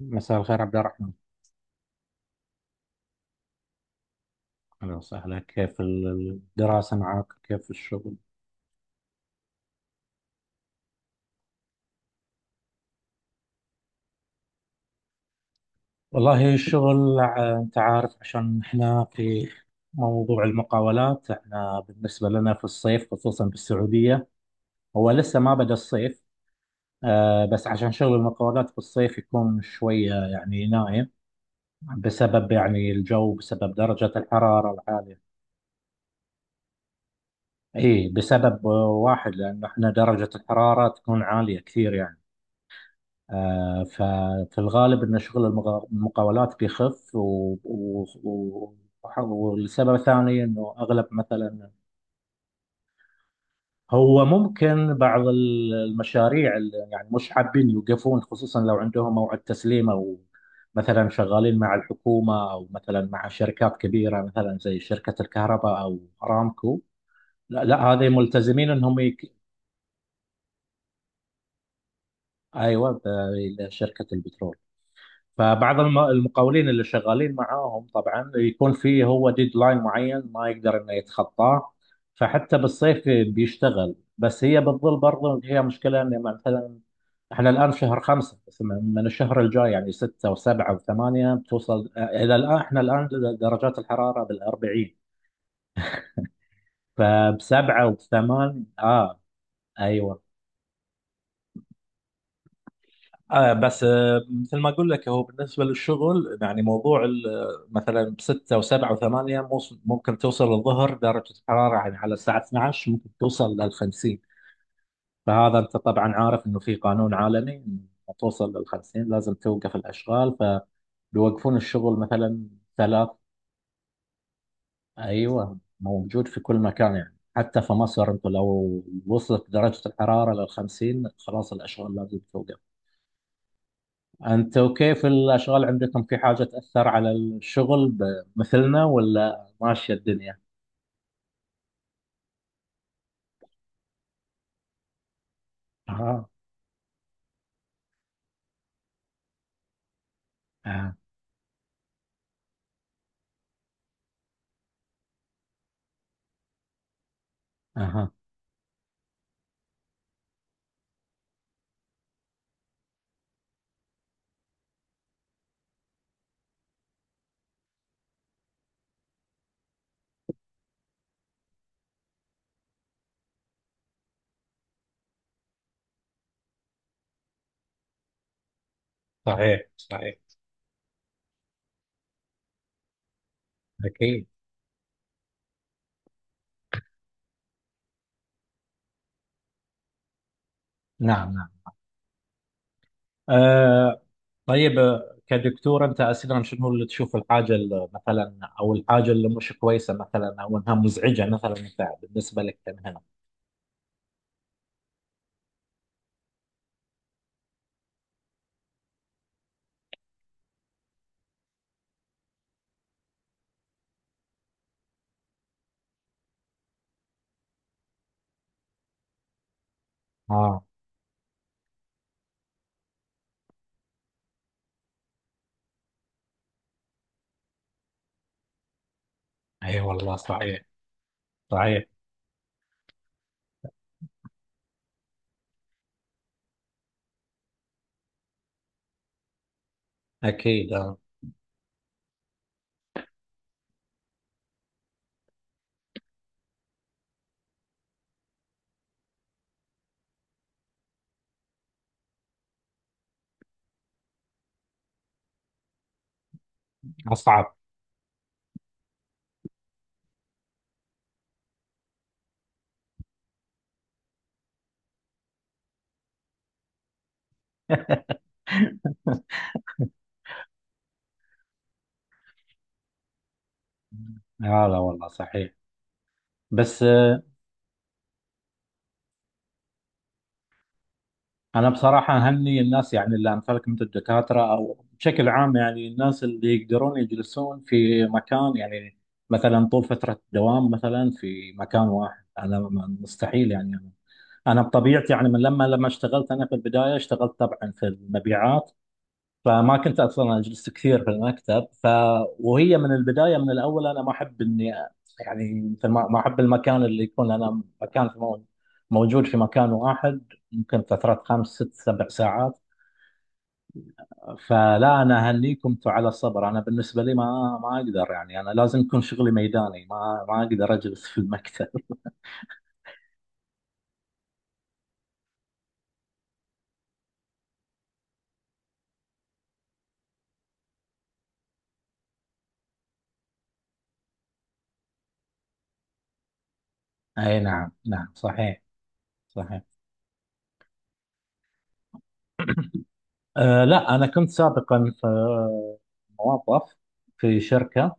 مساء الخير عبد الرحمن. أهلا وسهلا، كيف الدراسة معك؟ كيف الشغل؟ والله الشغل أنت عارف، عشان إحنا في موضوع المقاولات. إحنا بالنسبة لنا في الصيف، خصوصا بالسعودية، هو لسه ما بدأ الصيف. بس عشان شغل المقاولات في الصيف يكون شوية يعني نايم، بسبب يعني الجو، بسبب درجة الحرارة العالية. إيه، بسبب واحد، لأن إحنا درجة الحرارة تكون عالية كثير يعني. ففي الغالب ان شغل المقاولات بيخف و... و... والسبب الثاني انه اغلب مثلا، هو ممكن بعض المشاريع اللي يعني مش حابين يوقفون، خصوصا لو عندهم موعد تسليم او مثلا شغالين مع الحكومه، او مثلا مع شركات كبيره مثلا زي شركه الكهرباء او ارامكو. لا لا، هذه ملتزمين ايوه، شركه البترول. فبعض المقاولين اللي شغالين معاهم طبعا يكون فيه هو ديدلاين معين ما يقدر انه يتخطاه. فحتى بالصيف بيشتغل، بس هي بتظل برضه هي مشكلة، ان مثلا احنا الان في شهر خمسة، بس من الشهر الجاي يعني ستة وسبعة وثمانية بتوصل، الى الان احنا الان درجات الحرارة بال40. فبسبعة وبثمان اه، ايوه، آه بس آه مثل ما اقول لك، هو بالنسبه للشغل يعني موضوع مثلا بستة وسبعة وثمانية ممكن توصل الظهر درجه الحراره يعني على الساعه 12 ممكن توصل لل 50. فهذا انت طبعا عارف انه في قانون عالمي إنه توصل لل 50 لازم توقف الاشغال. فبيوقفون الشغل مثلا. ثلاث ايوه، موجود في كل مكان يعني، حتى في مصر انت لو وصلت درجه الحراره لل 50 خلاص الاشغال لازم توقف. أنت وكيف الأشغال عندكم؟ في حاجة تأثر على الشغل مثلنا ولا ماشية الدنيا؟ اه، اه، أها، صحيح صحيح، اكيد، نعم نعم، أه. طيب كدكتور أنت أساسا شنو اللي تشوف الحاجة اللي مثلا أو الحاجة اللي مش كويسة مثلا أو أنها مزعجة مثلا أنت بالنسبة لك كمهنة؟ اه، اي والله صحيح، صحيح، اكيد، آه. اصعب. لا لا والله صحيح. بس أنا بصراحة أهني الناس يعني اللي أمثالك مثل الدكاترة أو بشكل عام، يعني الناس اللي يقدرون يجلسون في مكان يعني مثلا طول فترة الدوام مثلا في مكان واحد. أنا مستحيل يعني. أنا بطبيعتي يعني، من لما اشتغلت، أنا في البداية اشتغلت طبعا في المبيعات، فما كنت اصلا اجلس كثير في المكتب. وهي من البدايه من الاول انا ما احب اني، يعني مثل ما احب المكان اللي يكون انا مكان في موجود في مكان واحد ممكن فتره 5 6 7 ساعات. فلا انا اهنيكم انتم على الصبر، انا بالنسبه لي ما اقدر يعني، انا لازم يكون شغلي ميداني، ما اقدر اجلس في المكتب. اي نعم، نعم صحيح، صحيح. أه لا، انا كنت سابقا في موظف في شركه.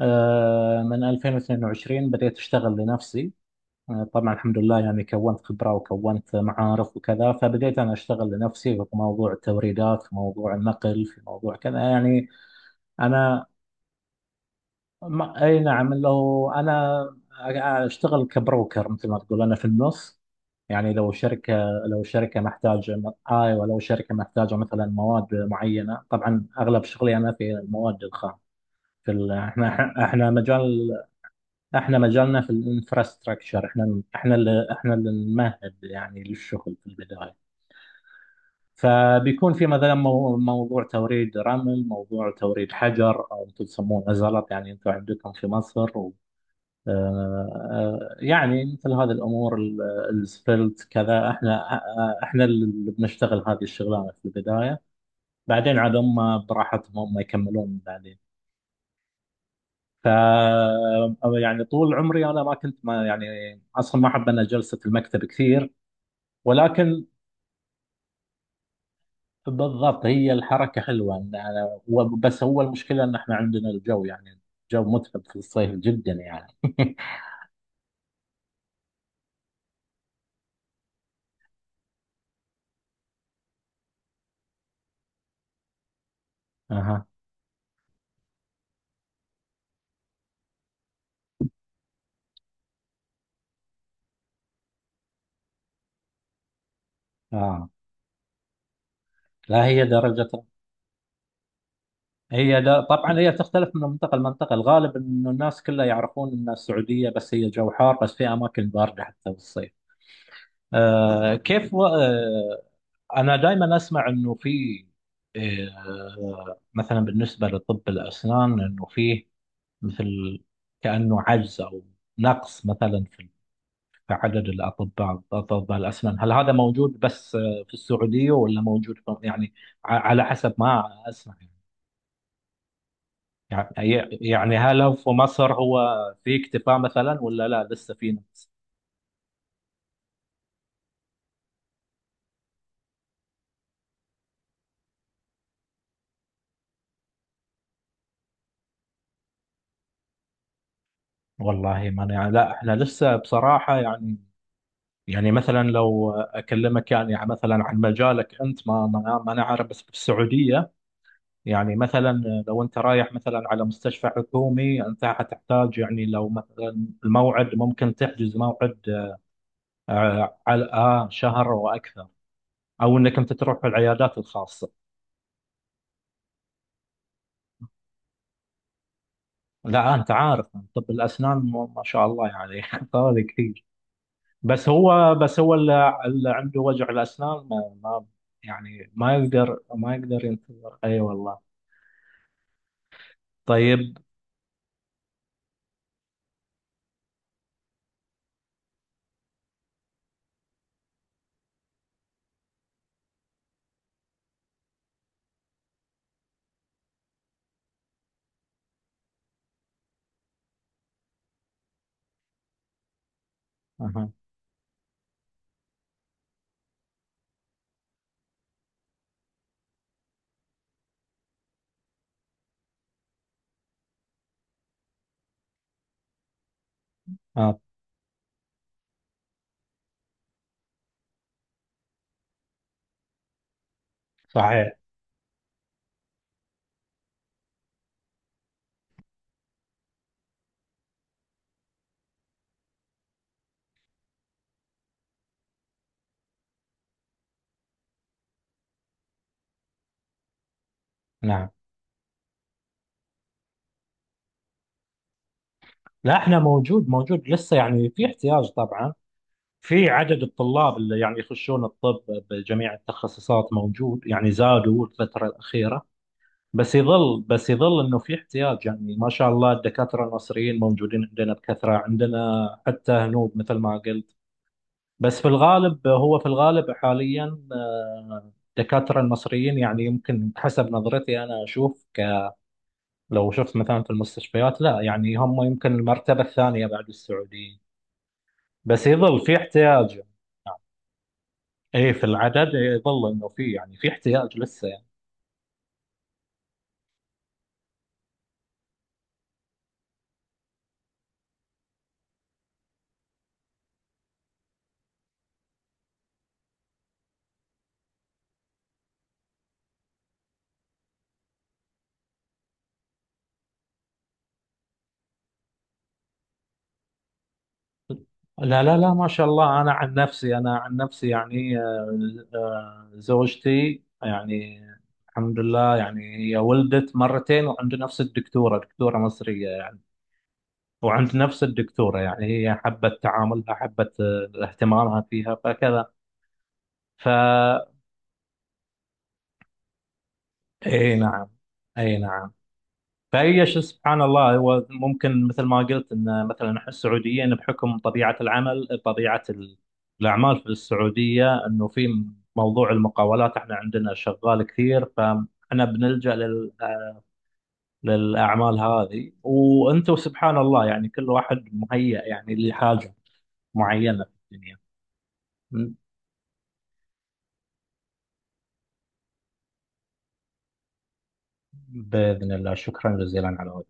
من 2022 بديت أشتغل لنفسي. طبعا الحمد لله يعني، كونت خبرة وكونت معارف وكذا، فبديت أنا أشتغل لنفسي في موضوع التوريدات، في موضوع النقل، في موضوع كذا يعني. أنا، ما أي نعم، لو أنا أشتغل كبروكر مثل ما تقول، أنا في النص يعني. لو شركة، لو شركة محتاجة، أيوة لو شركة محتاجة مثلا مواد معينة، طبعا أغلب شغلي أنا في المواد الخام. في احنا مجال، احنا مجالنا في الانفراستراكشر. احنا اللي نمهد يعني للشغل في البدايه. فبيكون في مثلا موضوع توريد رمل، موضوع توريد حجر او انتم تسمونه زلط، يعني انتم عندكم في مصر. و آه، آه، يعني مثل هذه الامور السفلت كذا، احنا، احنا اللي بنشتغل هذه الشغلانه في البدايه، بعدين عاد هم براحتهم هم يكملون بعدين. ف يعني طول عمري انا ما كنت ما يعني، اصلا ما احب انا جلسه المكتب كثير. ولكن بالضبط هي الحركه حلوه، ان أنا بس هو المشكله ان احنا عندنا الجو يعني، الجو متعب في الصيف جدا يعني. اها، اه. لا هي درجه، هي دا طبعا هي تختلف من منطقه لمنطقه. الغالب انه الناس كلها يعرفون ان السعوديه بس هي جو حار، بس في اماكن بارده حتى بالصيف. آه كيف و... آه انا دائما اسمع انه في، مثلا بالنسبه لطب الاسنان، انه فيه مثل كانه عجز او نقص مثلا في، في عدد الاطباء، اطباء الاسنان، هل هذا موجود بس في السعوديه ولا موجود يعني، على حسب ما اسمع يعني. يعني هل هو في مصر هو في اكتفاء مثلا ولا لا لسه في نقص؟ والله ما أنا- يعني لا احنا لسه بصراحه يعني، يعني مثلا لو اكلمك يعني مثلا عن مجالك انت، ما انا عارف، بس في السعوديه يعني مثلا لو انت رايح مثلا على مستشفى حكومي، انت حتحتاج يعني لو مثلا الموعد ممكن تحجز موعد آه، على آه، شهر واكثر، او انك انت تروح العيادات الخاصه. لا انت عارف، طب الاسنان ما ما شاء الله يعني طوالي كثير. بس هو، بس هو اللي عنده وجع الاسنان، يعني ما يقدر ينتظر، اي والله. طيب، أها، آه، صحيح، نعم. لا احنا موجود لسه يعني، في احتياج طبعا. في عدد الطلاب اللي يعني يخشون الطب بجميع التخصصات موجود يعني، زادوا الفترة الأخيرة. بس يظل انه في احتياج يعني. ما شاء الله الدكاترة المصريين موجودين عندنا بكثرة، عندنا حتى هنود مثل ما قلت. بس في الغالب، في الغالب حاليا الدكاترة المصريين يعني، يمكن حسب نظرتي، انا اشوف لو شفت مثلا في المستشفيات، لا يعني هم يمكن المرتبة الثانية بعد السعوديين. بس يظل في احتياج يعني. ايه، في العدد، يظل انه في يعني في احتياج لسه يعني. لا لا لا، ما شاء الله. انا عن نفسي، يعني زوجتي يعني الحمد لله يعني، هي ولدت مرتين وعند نفس الدكتورة، دكتورة مصرية يعني. وعند نفس الدكتورة يعني هي حبت تعاملها، حبت اهتمامها فيها فكذا. ف اي نعم، اي نعم. فهي شو سبحان الله، هو ممكن مثل ما قلت ان مثلا احنا السعوديين بحكم طبيعه العمل، طبيعه الاعمال في السعوديه، انه في موضوع المقاولات احنا عندنا شغال كثير، فاحنا بنلجا للاعمال هذه. وانتم سبحان الله يعني، كل واحد مهيأ يعني لحاجه معينه في الدنيا. باذن الله، شكرا جزيلا على